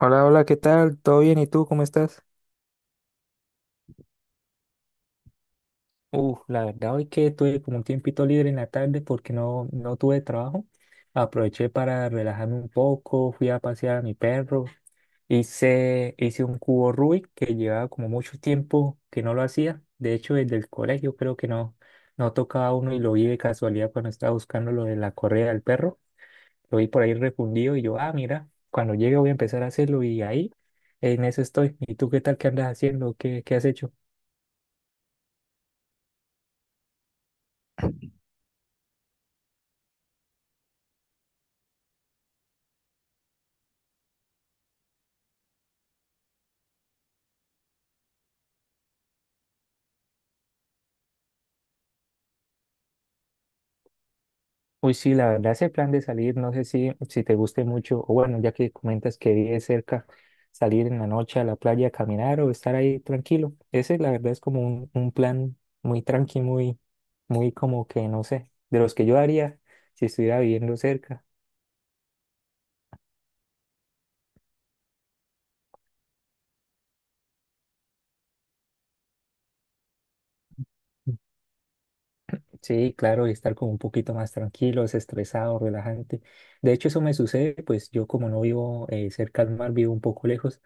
Hola, hola, ¿qué tal? ¿Todo bien? ¿Y tú cómo estás? La verdad hoy que tuve como un tiempito libre en la tarde porque no tuve trabajo. Aproveché para relajarme un poco, fui a pasear a mi perro, hice un cubo Rubik que llevaba como mucho tiempo que no lo hacía. De hecho, desde el colegio creo que no tocaba uno y lo vi de casualidad cuando estaba buscando lo de la correa del perro. Lo vi por ahí refundido y yo, mira, cuando llegue voy a empezar a hacerlo y ahí en eso estoy. ¿Y tú qué tal? ¿Qué andas haciendo? ¿Qué has hecho? Uy, sí, la verdad, ese plan de salir, no sé si te guste mucho, o bueno, ya que comentas que vives cerca, salir en la noche a la playa a caminar o estar ahí tranquilo. Ese, la verdad, es como un plan muy tranqui, muy, muy como que, no sé, de los que yo haría si estuviera viviendo cerca. Sí, claro, y estar como un poquito más tranquilo, desestresado, relajante. De hecho, eso me sucede, pues yo como no vivo cerca al mar, vivo un poco lejos,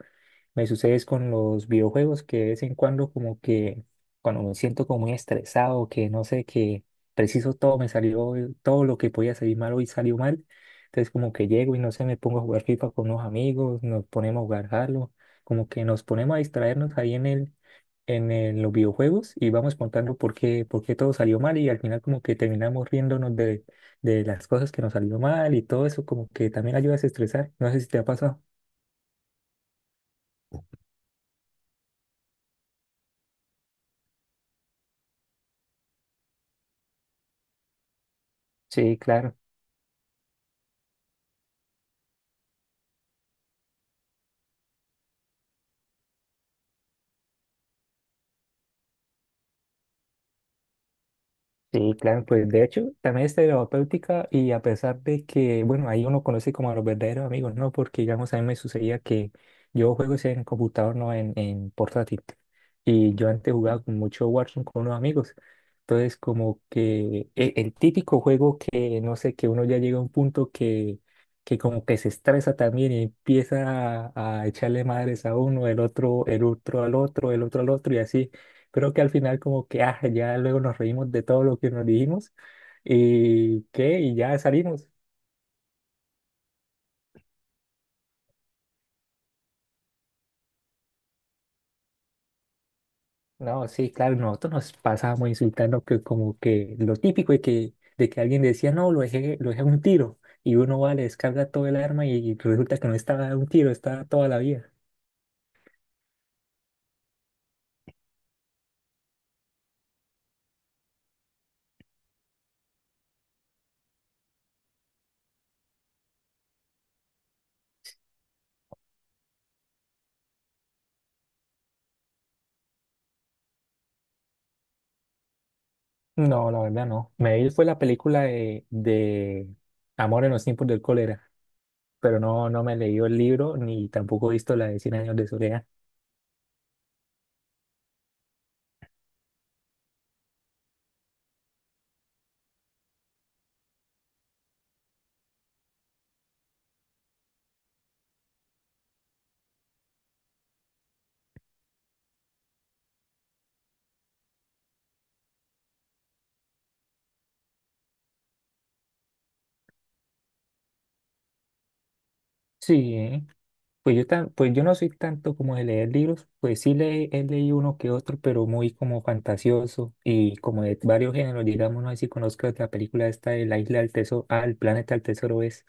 me sucede es con los videojuegos que de vez en cuando como que cuando me siento como muy estresado, que no sé, que preciso todo me salió, todo lo que podía salir mal hoy salió mal. Entonces como que llego y no sé, me pongo a jugar FIFA con unos amigos, nos ponemos a jugar Halo, como que nos ponemos a distraernos ahí en el los videojuegos y vamos contando por qué todo salió mal y al final como que terminamos riéndonos de las cosas que nos salió mal y todo eso como que también ayuda a estresar. No sé si te ha pasado. Sí, claro. Sí, claro, pues de hecho también es terapéutica y a pesar de que, bueno, ahí uno conoce como a los verdaderos amigos, ¿no? Porque digamos a mí me sucedía que yo juego es en computador, no en portátil. Y yo antes jugaba con mucho Warzone con unos amigos. Entonces como que el, típico juego que, no sé, que uno ya llega a un punto que como que se estresa también y empieza a echarle madres a uno, el otro al otro, el otro al otro y así creo que al final como que ya luego nos reímos de todo lo que nos dijimos y qué, y ya salimos. No, sí, claro, nosotros nos pasábamos insultando que como que lo típico de que alguien decía, no, lo dejé a un tiro y uno va, le descarga todo el arma y resulta que no estaba a un tiro, estaba toda la vida. No, la verdad no. Me vi fue la película de Amor en los Tiempos del Cólera, pero no me he leído el libro ni tampoco he visto la de Cien Años de Soledad. Sí. Pues yo no soy tanto como de leer libros, pues sí he leído uno que otro, pero muy como fantasioso y como de varios géneros, digamos, no sé si conozco la película esta de La Isla del Tesoro, el Planeta del Tesoro es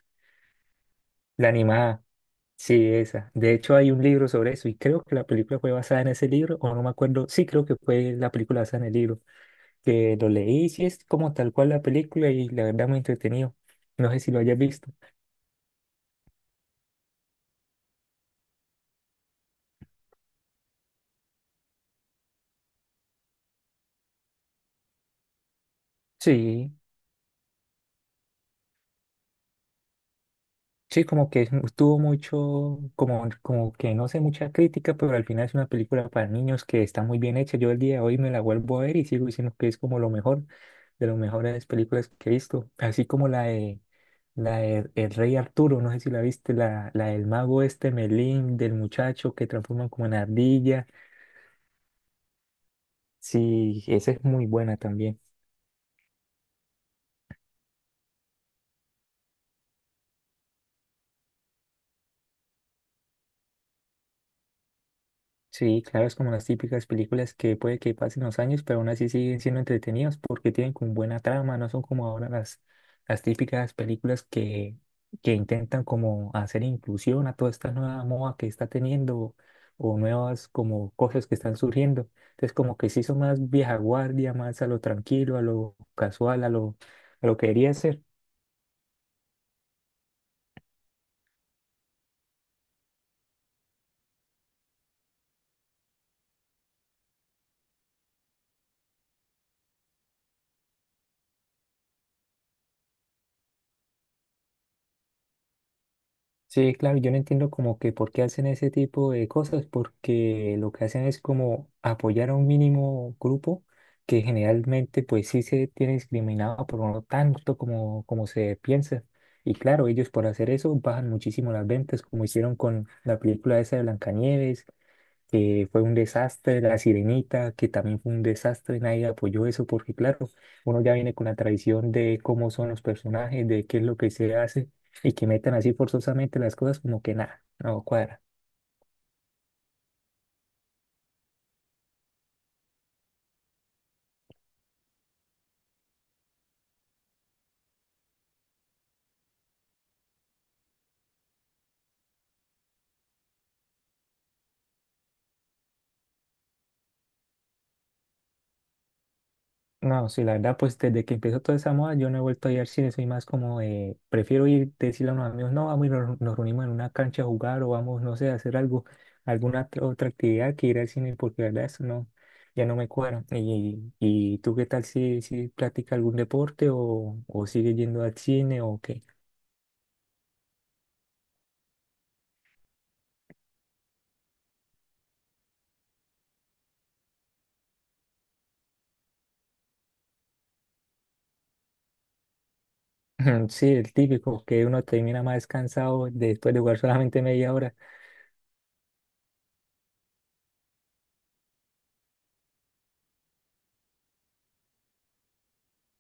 la animada, sí, esa. De hecho hay un libro sobre eso y creo que la película fue basada en ese libro, o no me acuerdo, sí creo que fue la película basada en el libro, que lo leí, sí es como tal cual la película y la verdad muy entretenido, no sé si lo hayas visto. Sí. Sí, como que tuvo mucho, como que no sé, mucha crítica, pero al final es una película para niños que está muy bien hecha. Yo el día de hoy me la vuelvo a ver y sigo diciendo que es como lo mejor, de las mejores películas que he visto. Así como la de, El Rey Arturo, no sé si la viste, la del mago este, Melín, del muchacho que transforman como en ardilla. Sí, esa es muy buena también. Sí, claro, es como las típicas películas que puede que pasen los años, pero aún así siguen siendo entretenidas porque tienen como buena trama, no son como ahora las, típicas películas que intentan como hacer inclusión a toda esta nueva moda que está teniendo o nuevas como cosas que están surgiendo. Entonces como que sí son más vieja guardia, más a lo tranquilo, a lo casual, a lo que debería ser. Sí, claro, yo no entiendo como que por qué hacen ese tipo de cosas, porque lo que hacen es como apoyar a un mínimo grupo que generalmente pues sí se tiene discriminado, pero no tanto como se piensa. Y claro, ellos por hacer eso bajan muchísimo las ventas, como hicieron con la película esa de Blancanieves, que fue un desastre, La Sirenita, que también fue un desastre, nadie apoyó eso porque claro, uno ya viene con la tradición de cómo son los personajes, de qué es lo que se hace y que metan así forzosamente las cosas como que nada, no cuadra. No, sí, la verdad, pues desde que empezó toda esa moda, yo no he vuelto a ir al cine, soy más como, prefiero ir, decirle a unos amigos, no, vamos y nos reunimos en una cancha a jugar o vamos, no sé, a hacer algo, alguna otra actividad que ir al cine, porque la verdad eso no, ya no me cuadra. ¿Y tú qué tal si practicas algún deporte o sigues yendo al cine o qué? Sí, el típico, que uno termina más cansado después de jugar solamente media hora.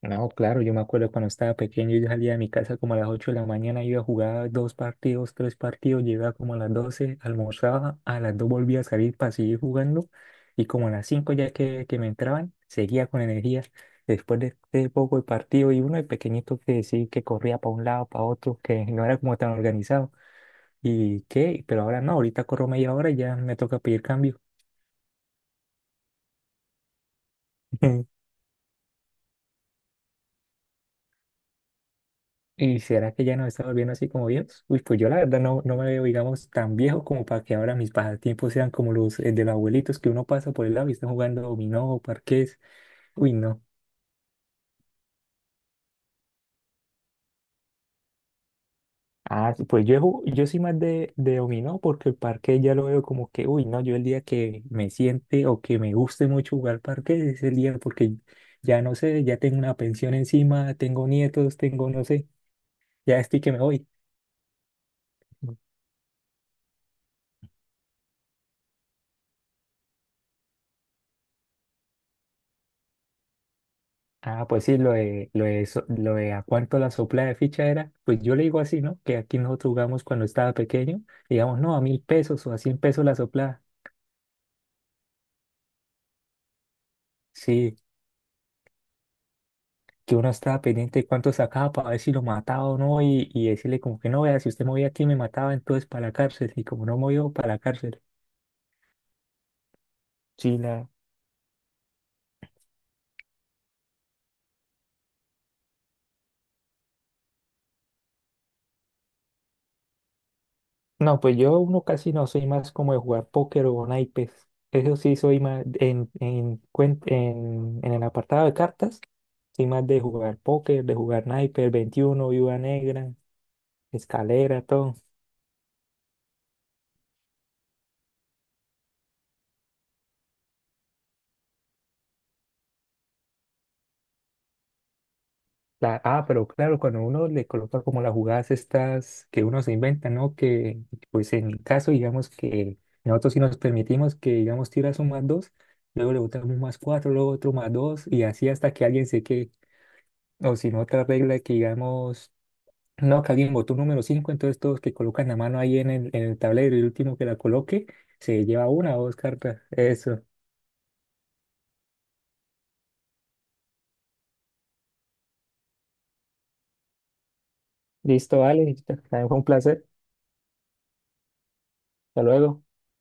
No, claro, yo me acuerdo cuando estaba pequeño, yo salía de mi casa como a las 8 de la mañana, iba a jugar dos partidos, tres partidos, llegaba como a las 12 almorzaba, a las 2 volvía a salir para seguir jugando y como a las 5 ya que me entraban, seguía con energía. Después de poco el partido y uno de pequeñito que sí, que corría para un lado, para otro, que no era como tan organizado. ¿Y qué? Pero ahora no, ahorita corro media hora y ya me toca pedir cambio. ¿Y será que ya nos estamos volviendo así como viejos? Uy, pues yo la verdad no, no me veo, digamos, tan viejo como para que ahora mis pasatiempos sean como los de los abuelitos que uno pasa por el lado y está jugando dominó o parqués. Uy, no. Ah, sí, pues yo, yo soy más de, dominó porque el parque ya lo veo como que, uy, no, yo el día que me siente o que me guste mucho jugar parque es el día porque ya no sé, ya tengo una pensión encima, tengo nietos, tengo, no sé, ya estoy que me voy. Ah, pues sí, lo de a cuánto la sopla de ficha era, pues yo le digo así, ¿no? Que aquí nosotros jugamos cuando estaba pequeño, digamos, no, a 1.000 pesos o a 100 pesos la sopla. Sí, que uno estaba pendiente de cuánto sacaba para ver si lo mataba o no y decirle como que no, vea, si usted movía aquí me mataba, entonces para la cárcel. Y como no movió, para la cárcel. Sí. No, pues yo uno casi no soy más como de jugar póker o naipes. Eso sí soy más en el apartado de cartas. Soy más de jugar póker, de jugar naipes, veintiuno, viuda negra, escalera, todo. Pero claro, cuando uno le coloca como las jugadas estas que uno se inventa, ¿no? Que pues en mi caso, digamos que nosotros sí nos permitimos que, digamos, tiras un más dos, luego le botamos un más cuatro, luego otro más dos, y así hasta que alguien se quede. O si no, otra regla que digamos. No, que alguien botó un número 5. Entonces todos que colocan la mano ahí en el tablero y el último que la coloque se lleva una o dos cartas. Eso. Listo, vale. También fue un placer. Hasta luego.